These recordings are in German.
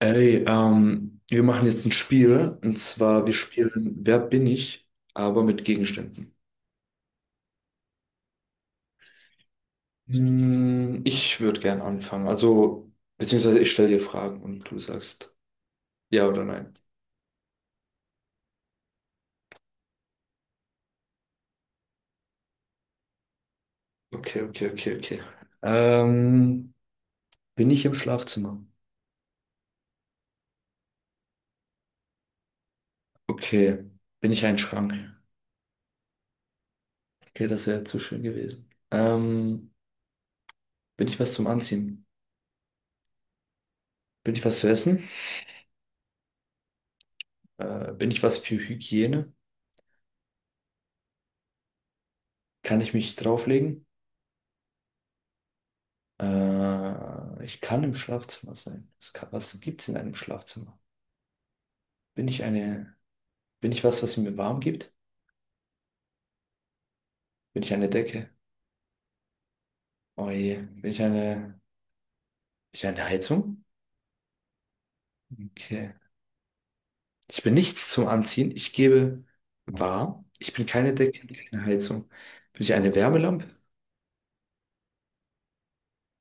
Wir machen jetzt ein Spiel, und zwar wir spielen Wer bin ich, aber mit Gegenständen. Ich würde gern anfangen, also beziehungsweise ich stelle dir Fragen und du sagst ja oder nein. Okay, okay, okay, okay. Ähm, Bin ich im Schlafzimmer? Okay. Bin ich ein Schrank? Okay, das wäre zu schön gewesen. Bin ich was zum Anziehen? Bin ich was zu essen? Bin ich was für Hygiene? Kann ich mich drauflegen? Ich kann im Schlafzimmer sein. Was gibt's in einem Schlafzimmer? Bin ich eine, Bin ich was, was mir warm gibt? Bin ich eine Decke? Oh je. Bin ich eine, Bin ich eine Heizung? Okay. Ich bin nichts zum Anziehen. Ich gebe warm. Ich bin keine Decke, keine Heizung. Bin ich eine Wärmelampe?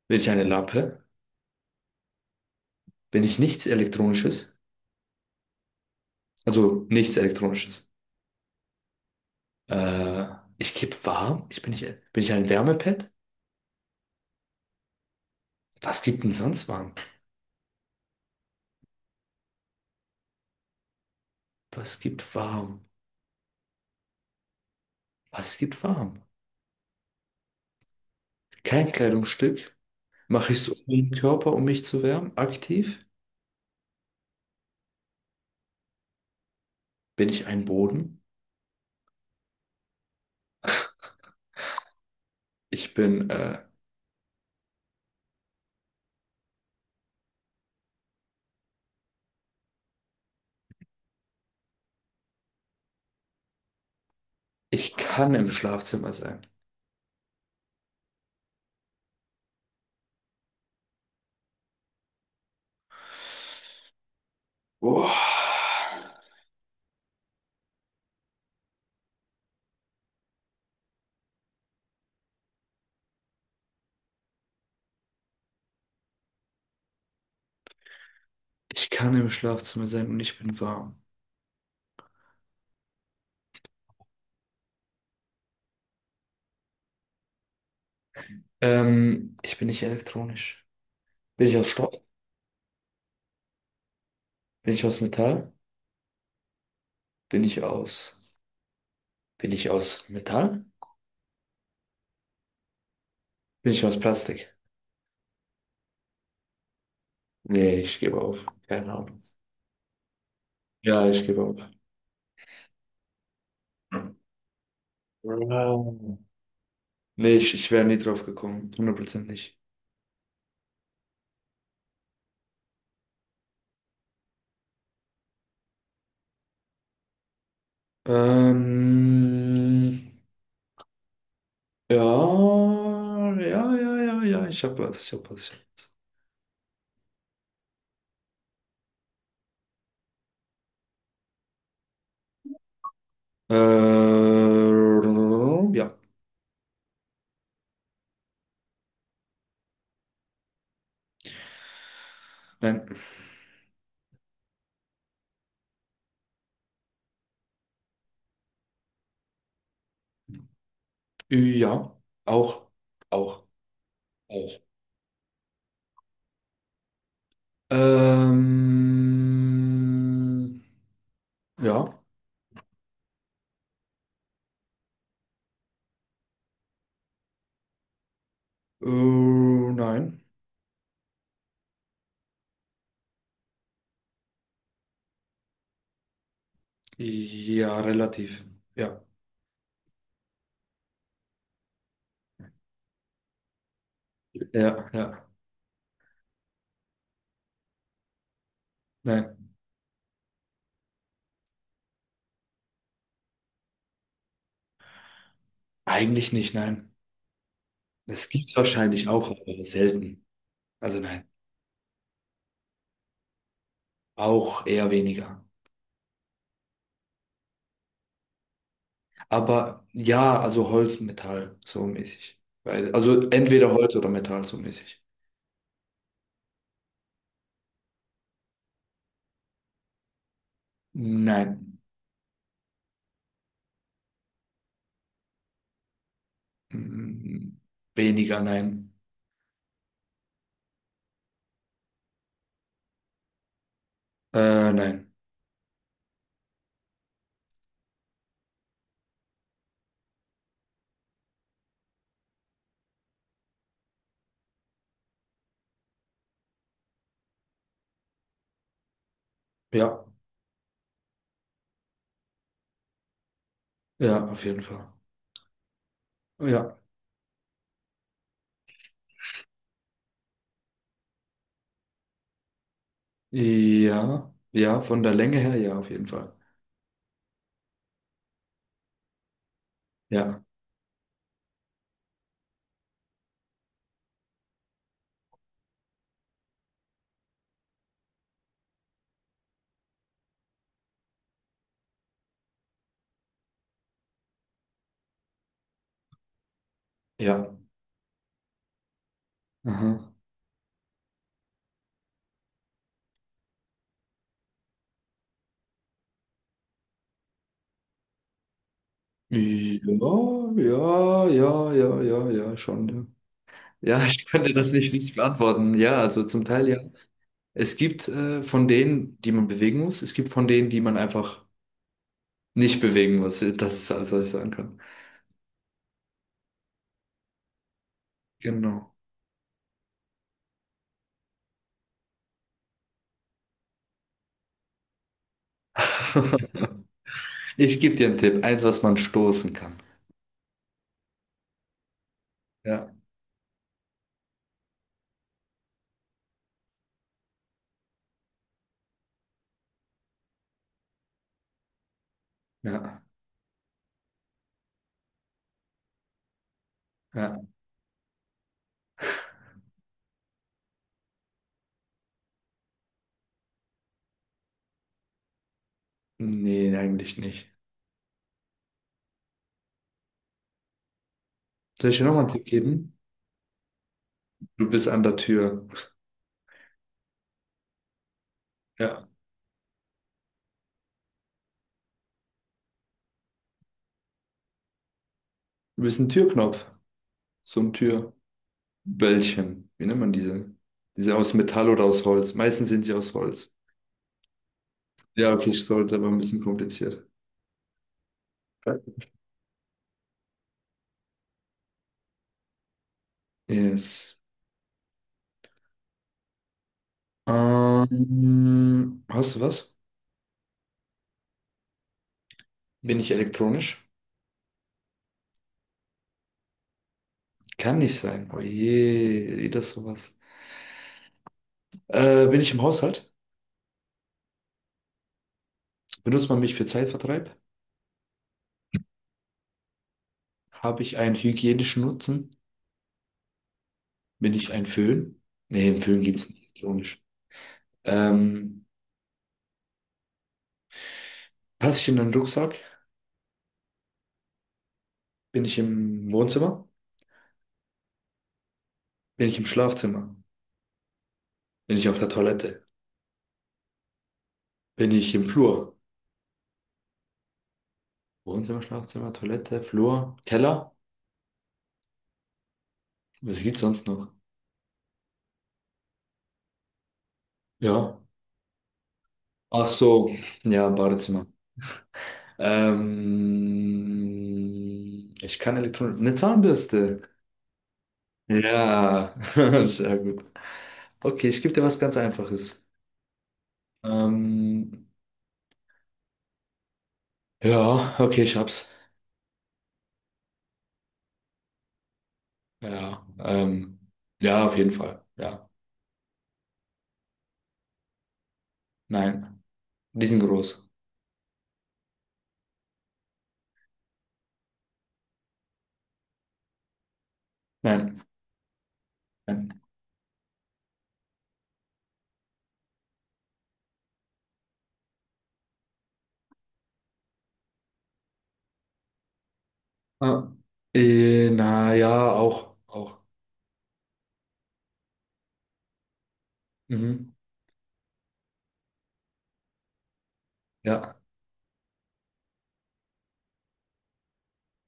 Bin ich eine Lampe? Bin ich nichts Elektronisches? Also nichts Elektronisches. Äh, Ich gebe warm. Ich bin nicht, Bin ich ein Wärmepad? Was gibt denn sonst warm? Was gibt warm? Was gibt warm? Kein Kleidungsstück. Mache ich es um den Körper, um mich zu wärmen? Aktiv? Bin ich ein Boden? Ich bin, äh, Ich kann im Schlafzimmer sein. Boah. Ich kann im Schlafzimmer sein und ich bin warm. Ich bin nicht elektronisch. Bin ich aus Stoff? Bin ich aus Metall? Bin ich aus, Bin ich aus Metall? Bin ich aus Plastik? Nee, ich gebe auf. Keine Ahnung. Ja, ich gebe auf. Wow. Nee, ich wäre nie drauf gekommen. 100% nicht. Ähm, ja, ja, ja, ja, ja, ich hab was. Ja, nein, ja, auch, auch, auch. Ähm, ja, nein, ja, relativ, ja, ja, ja, nein, eigentlich nicht, nein. Es gibt wahrscheinlich auch, aber selten. Also nein, auch eher weniger. Aber ja, also Holz, Metall, so mäßig. Weil, also entweder Holz oder Metall, so mäßig. Nein. Mm, Weniger, nein. Nein. Ja, ja, auf jeden Fall. Ja. Ja, ja, von der Länge her, ja, auf jeden Fall. Ja, ja. Aha. Ja, ja, ja, ja, ja, ja, schon. Ja. Ja, ich könnte das nicht richtig beantworten. Ja, also zum Teil ja. Es gibt von denen, die man bewegen muss, es gibt von denen, die man einfach nicht bewegen muss. Das ist alles, was ich sagen kann. Genau. Ich gebe dir einen Tipp. Eins, was man stoßen kann. Ja, ja, ja. Nee, eigentlich nicht. Soll ich dir nochmal einen Tipp geben? Du bist an der Tür. Ja. Du bist ein Türknopf. So ein Türböllchen. Wie nennt man diese? Diese aus Metall oder aus Holz. Meistens sind sie aus Holz. Ja, okay, ich sollte, aber ein bisschen kompliziert. Yes. Hast du was? Bin ich elektronisch? Kann nicht sein. Oh je, wie das sowas. Bin ich im Haushalt? Benutzt man mich für Zeitvertreib? Habe ich einen hygienischen Nutzen? Bin ich ein Föhn? Nee, einen Föhn gibt es nicht. Ironisch. Ähm, Passe ich in einen Rucksack? Bin ich im Wohnzimmer? Bin ich im Schlafzimmer? Bin ich auf der Toilette? Bin ich im Flur? Wohnzimmer, Schlafzimmer, Toilette, Flur, Keller? Was gibt's sonst noch? Ja. Ach so, ja, Badezimmer. Ich kann Elektronik. Eine Zahnbürste. Ja, sehr gut. Okay, ich gebe dir was ganz Einfaches. Ähm, ja, okay, ich hab's. Ja, ja, auf jeden Fall. Ja, nein, die sind groß. Nein, nein. Ah, na ja, auch, auch. Mhm. Ja,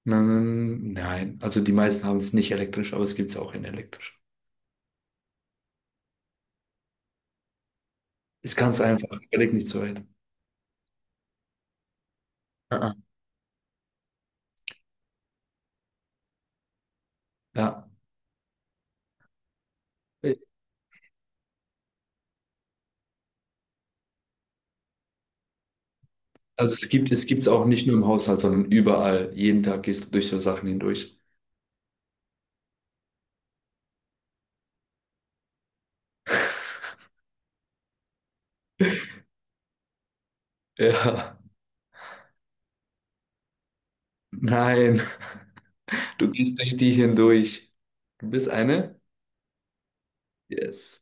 nein, nein. Also die meisten haben es nicht elektrisch, aber es gibt's auch in elektrisch. Ist ganz einfach. Überleg nicht so weit. Ah, ah. Ja. Also es gibt, es gibt's auch nicht nur im Haushalt, sondern überall. Jeden Tag gehst du durch so Sachen hindurch. Ja. Nein, du gehst durch die hindurch. Du bist eine? Yes.